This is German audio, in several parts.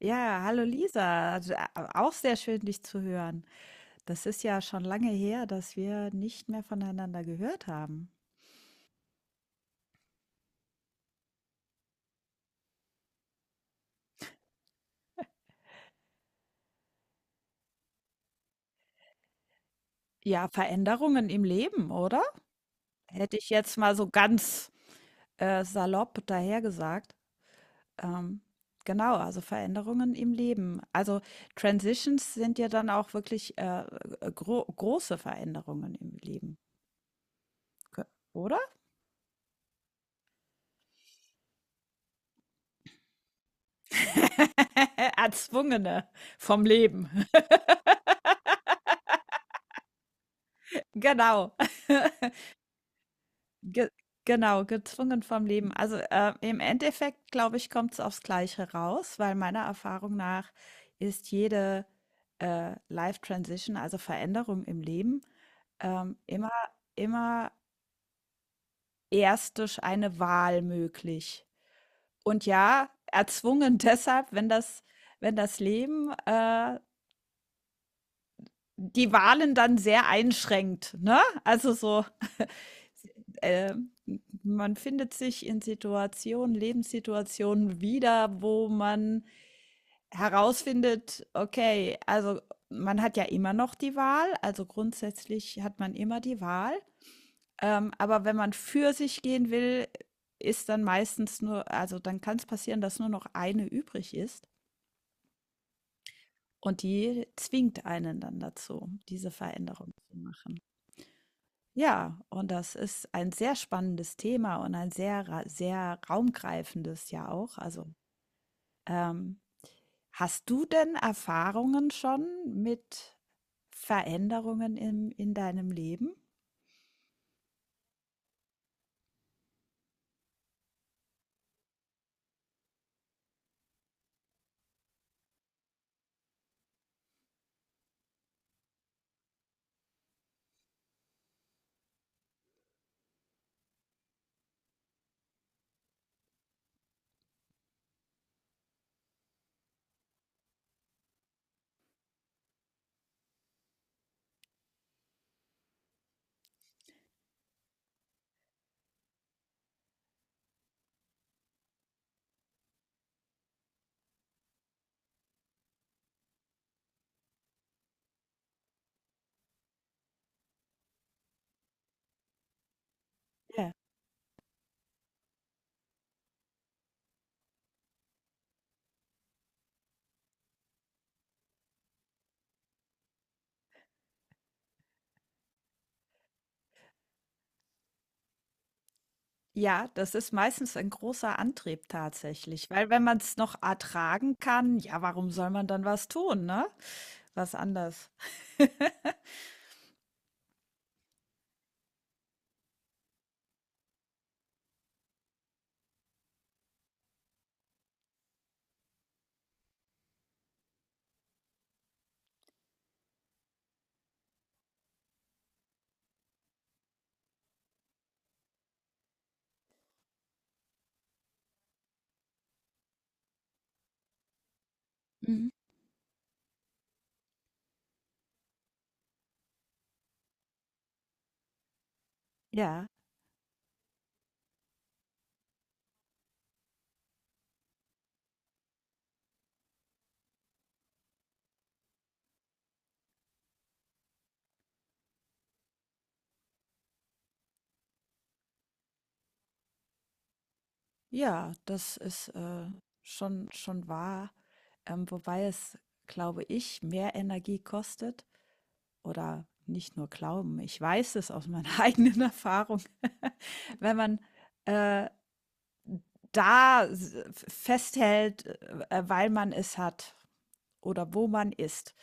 Ja, hallo Lisa, auch sehr schön, dich zu hören. Das ist ja schon lange her, dass wir nicht mehr voneinander gehört haben. Ja, Veränderungen im Leben, oder? Hätte ich jetzt mal so ganz salopp dahergesagt. Ähm, genau, also Veränderungen im Leben. Also Transitions sind ja dann auch wirklich große Veränderungen im Leben, Ge- oder? Erzwungene vom Leben. Genau. Ge Genau, gezwungen vom Leben. Also, im Endeffekt, glaube ich, kommt es aufs Gleiche raus, weil meiner Erfahrung nach ist jede, Life Transition, also Veränderung im Leben, ähm, immer immer erst durch eine Wahl möglich. Und ja, erzwungen deshalb, wenn das Leben, die Wahlen dann sehr einschränkt, ne? Also so äh, man findet sich in Situationen, Lebenssituationen wieder, wo man herausfindet, okay, also man hat ja immer noch die Wahl, also grundsätzlich hat man immer die Wahl. Aber wenn man für sich gehen will, ist dann meistens nur, also dann kann es passieren, dass nur noch eine übrig ist. Und die zwingt einen dann dazu, diese Veränderung zu machen. Ja, und das ist ein sehr spannendes Thema und ein sehr raumgreifendes ja auch. Also, ähm, hast du denn Erfahrungen schon mit Veränderungen im, in deinem Leben? Ja. Ja, das ist meistens ein großer Antrieb tatsächlich, weil wenn man es noch ertragen kann, ja, warum soll man dann was tun, ne? Was anders. Mhm. Ja. Ja, das ist, schon wahr, wobei es, glaube ich, mehr Energie kostet oder nicht nur glauben, ich weiß es aus meiner eigenen Erfahrung, wenn man, äh, da s festhält, weil man es hat oder wo man ist.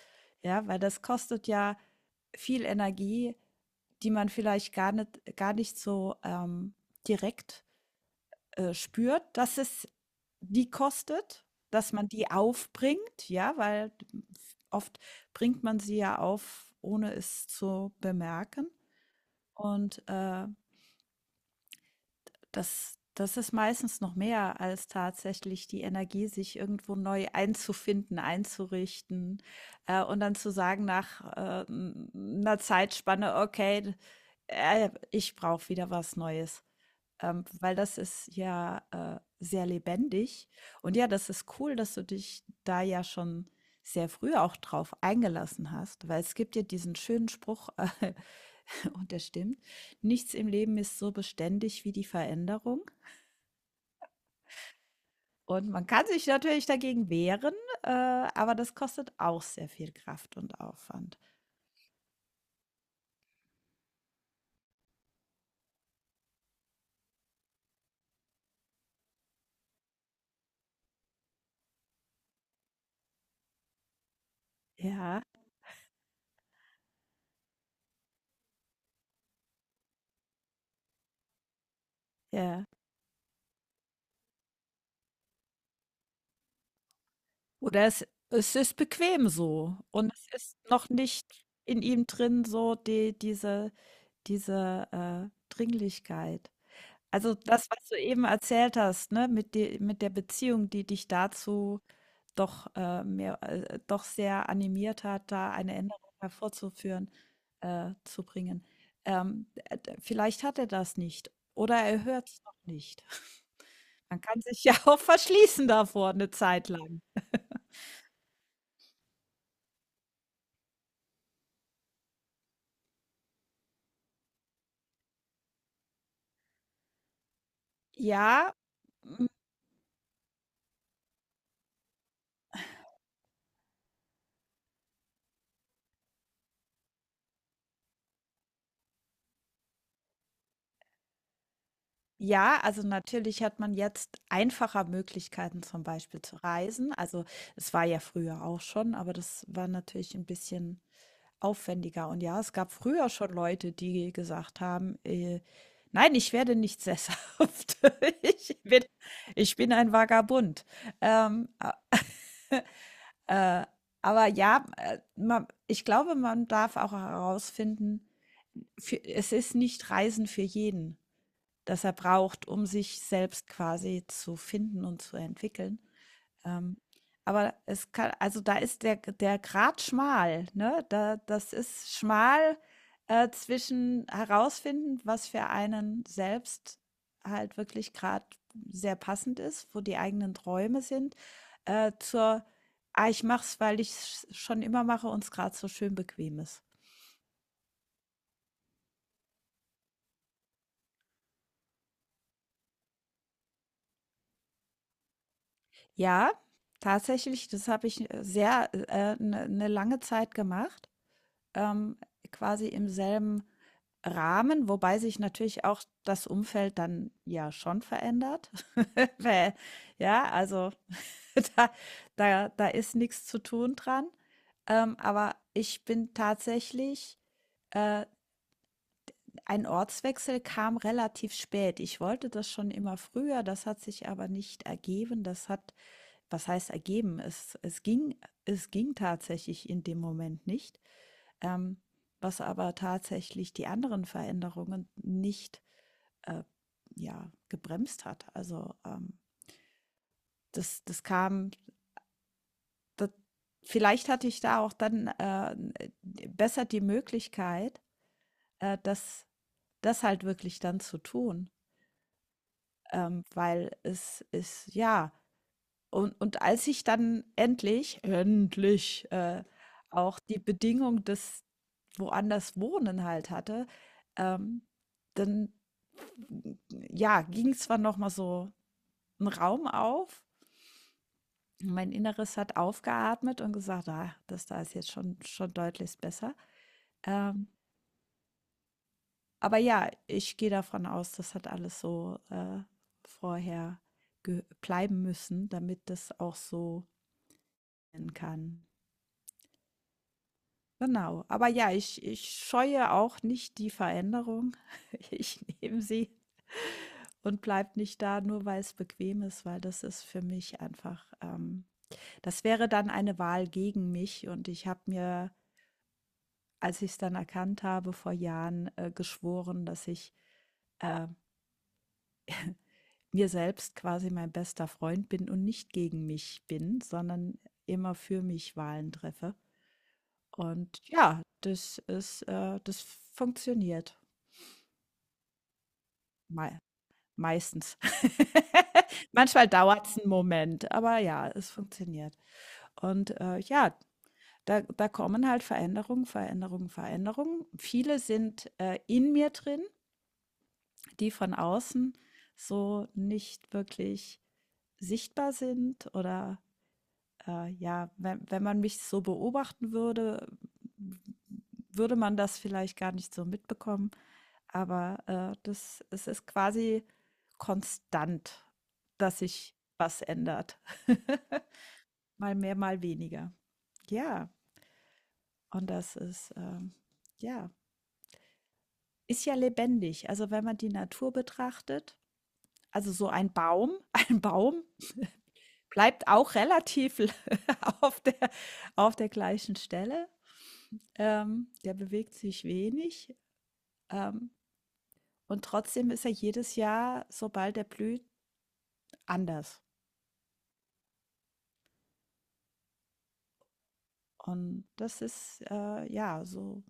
Ja, weil das kostet ja viel Energie, die man vielleicht gar nicht so, direkt spürt, dass es die kostet, dass man die aufbringt, ja, weil oft bringt man sie ja auf, ohne es zu bemerken. Und das ist meistens noch mehr als tatsächlich die Energie, sich irgendwo neu einzufinden, einzurichten und dann zu sagen nach einer Zeitspanne, okay, ich brauche wieder was Neues. Weil das ist ja, sehr lebendig. Und ja, das ist cool, dass du dich da ja schon sehr früh auch drauf eingelassen hast, weil es gibt ja diesen schönen Spruch, äh, und der stimmt, nichts im Leben ist so beständig wie die Veränderung. Und man kann sich natürlich dagegen wehren, aber das kostet auch sehr viel Kraft und Aufwand. Ja, ja. Oder es ist bequem so und es ist noch nicht in ihm drin so die Dringlichkeit. Also, das, was du eben erzählt hast, ne, mit de mit der Beziehung, die dich dazu doch, mehr doch sehr animiert hat, da eine Änderung hervorzuführen, zu bringen. D Vielleicht hat er das nicht oder er hört es noch nicht. Man kann sich ja auch verschließen davor eine Zeit lang. Ja, ja, also natürlich hat man jetzt einfacher Möglichkeiten, zum Beispiel zu reisen. Also es war ja früher auch schon, aber das war natürlich ein bisschen aufwendiger. Und ja, es gab früher schon Leute, die gesagt haben, nein, ich werde nicht sesshaft. Ich bin, ich bin ein Vagabund. Ähm, a- äh, aber ja, ich glaube, man darf auch herausfinden, es ist nicht Reisen für jeden das er braucht, um sich selbst quasi zu finden und zu entwickeln. Ähm, aber es kann, also da ist der Grat schmal, ne? Da, das ist schmal zwischen herausfinden, was für einen selbst halt wirklich gerade sehr passend ist, wo die eigenen Träume sind, äh, zur, ah, ich mach's, weil ich es schon immer mache und es gerade so schön bequem ist. Ja, tatsächlich, das habe ich sehr eine ne lange Zeit gemacht. ähm, quasi im selben Rahmen, wobei sich natürlich auch das Umfeld dann ja schon verändert. Weil, ja, also da, da ist nichts zu tun dran. Aber ich bin tatsächlich, äh, ein Ortswechsel kam relativ spät. Ich wollte das schon immer früher, das hat sich aber nicht ergeben. Das hat, was heißt ergeben? Es ging tatsächlich in dem Moment nicht ähm, was aber tatsächlich die anderen Veränderungen nicht äh, ja, gebremst hat. Also das kam, das, vielleicht hatte ich da auch dann besser die Möglichkeit, äh, das, das halt wirklich dann zu tun, weil es ist, ja, und als ich dann endlich auch die Bedingung des, woanders wohnen halt hatte, ähm, dann ja, ging zwar noch mal so ein Raum auf. Mein Inneres hat aufgeatmet und gesagt, ah, das da ist jetzt schon deutlich besser. Ähm, aber ja, ich gehe davon aus, das hat alles so vorher bleiben müssen, damit das auch so sein kann. Genau. Aber ja, ich scheue auch nicht die Veränderung. Ich nehme sie und bleibt nicht da, nur weil es bequem ist, weil das ist für mich einfach, das wäre dann eine Wahl gegen mich. Und ich habe mir, als ich es dann erkannt habe, vor Jahren geschworen, dass ich äh, mir selbst quasi mein bester Freund bin und nicht gegen mich bin, sondern immer für mich Wahlen treffe. Und ja, das ist, das funktioniert mei- meistens. Manchmal dauert es einen Moment, aber ja, es funktioniert. Und ja, da kommen halt Veränderungen, Veränderungen, Veränderungen. Viele sind in mir drin, die von außen so nicht wirklich sichtbar sind oder ja, wenn man mich so beobachten würde, würde man das vielleicht gar nicht so mitbekommen. Aber es ist quasi konstant, dass sich was ändert. mal mehr, mal weniger. Ja. Und das ist, ja, ist ja lebendig. Also wenn man die Natur betrachtet, also so ein Baum, ein Baum bleibt auch relativ auf auf der gleichen Stelle. Der bewegt sich wenig. Ähm, und trotzdem ist er jedes Jahr, sobald er blüht, anders. Und das ist, ja, so,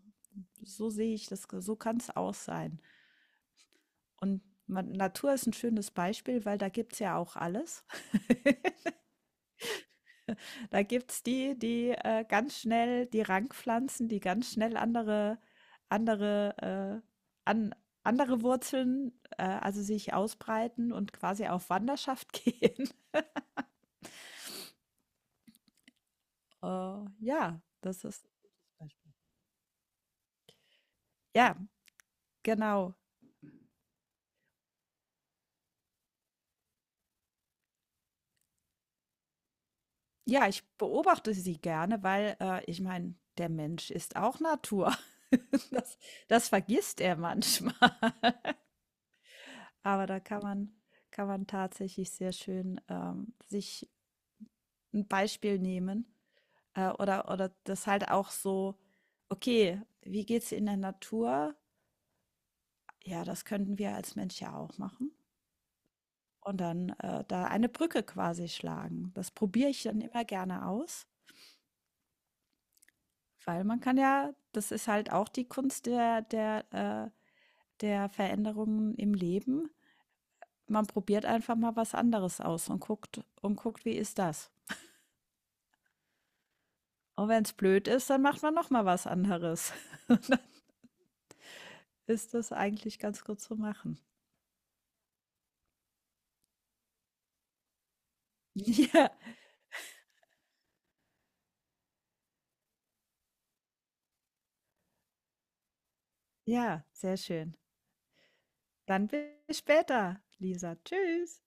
so sehe ich das, so kann es auch sein. Und man, Natur ist ein schönes Beispiel, weil da gibt es ja auch alles. Da gibt es die ganz schnell die Rankpflanzen, die ganz schnell andere, äh, an, andere Wurzeln, also sich ausbreiten und quasi auf Wanderschaft gehen. Äh, ja, das ist. Ja, genau. Ja, ich beobachte sie gerne, weil ich meine, der Mensch ist auch Natur. Das, das vergisst er manchmal. Aber da kann man tatsächlich sehr schön sich ein Beispiel nehmen, oder das halt auch so: „Okay, wie geht's in der Natur? Ja, das könnten wir als Mensch ja auch machen.“ Und dann, da eine Brücke quasi schlagen. Das probiere ich dann immer gerne aus, weil man kann ja das ist halt auch die Kunst der Veränderungen im Leben. Man probiert einfach mal was anderes aus und guckt, wie ist das? Und wenn es blöd ist, dann macht man noch mal was anderes. Und dann ist das eigentlich ganz gut zu machen. Ja, ja, sehr schön. Dann bis später, Lisa. Tschüss.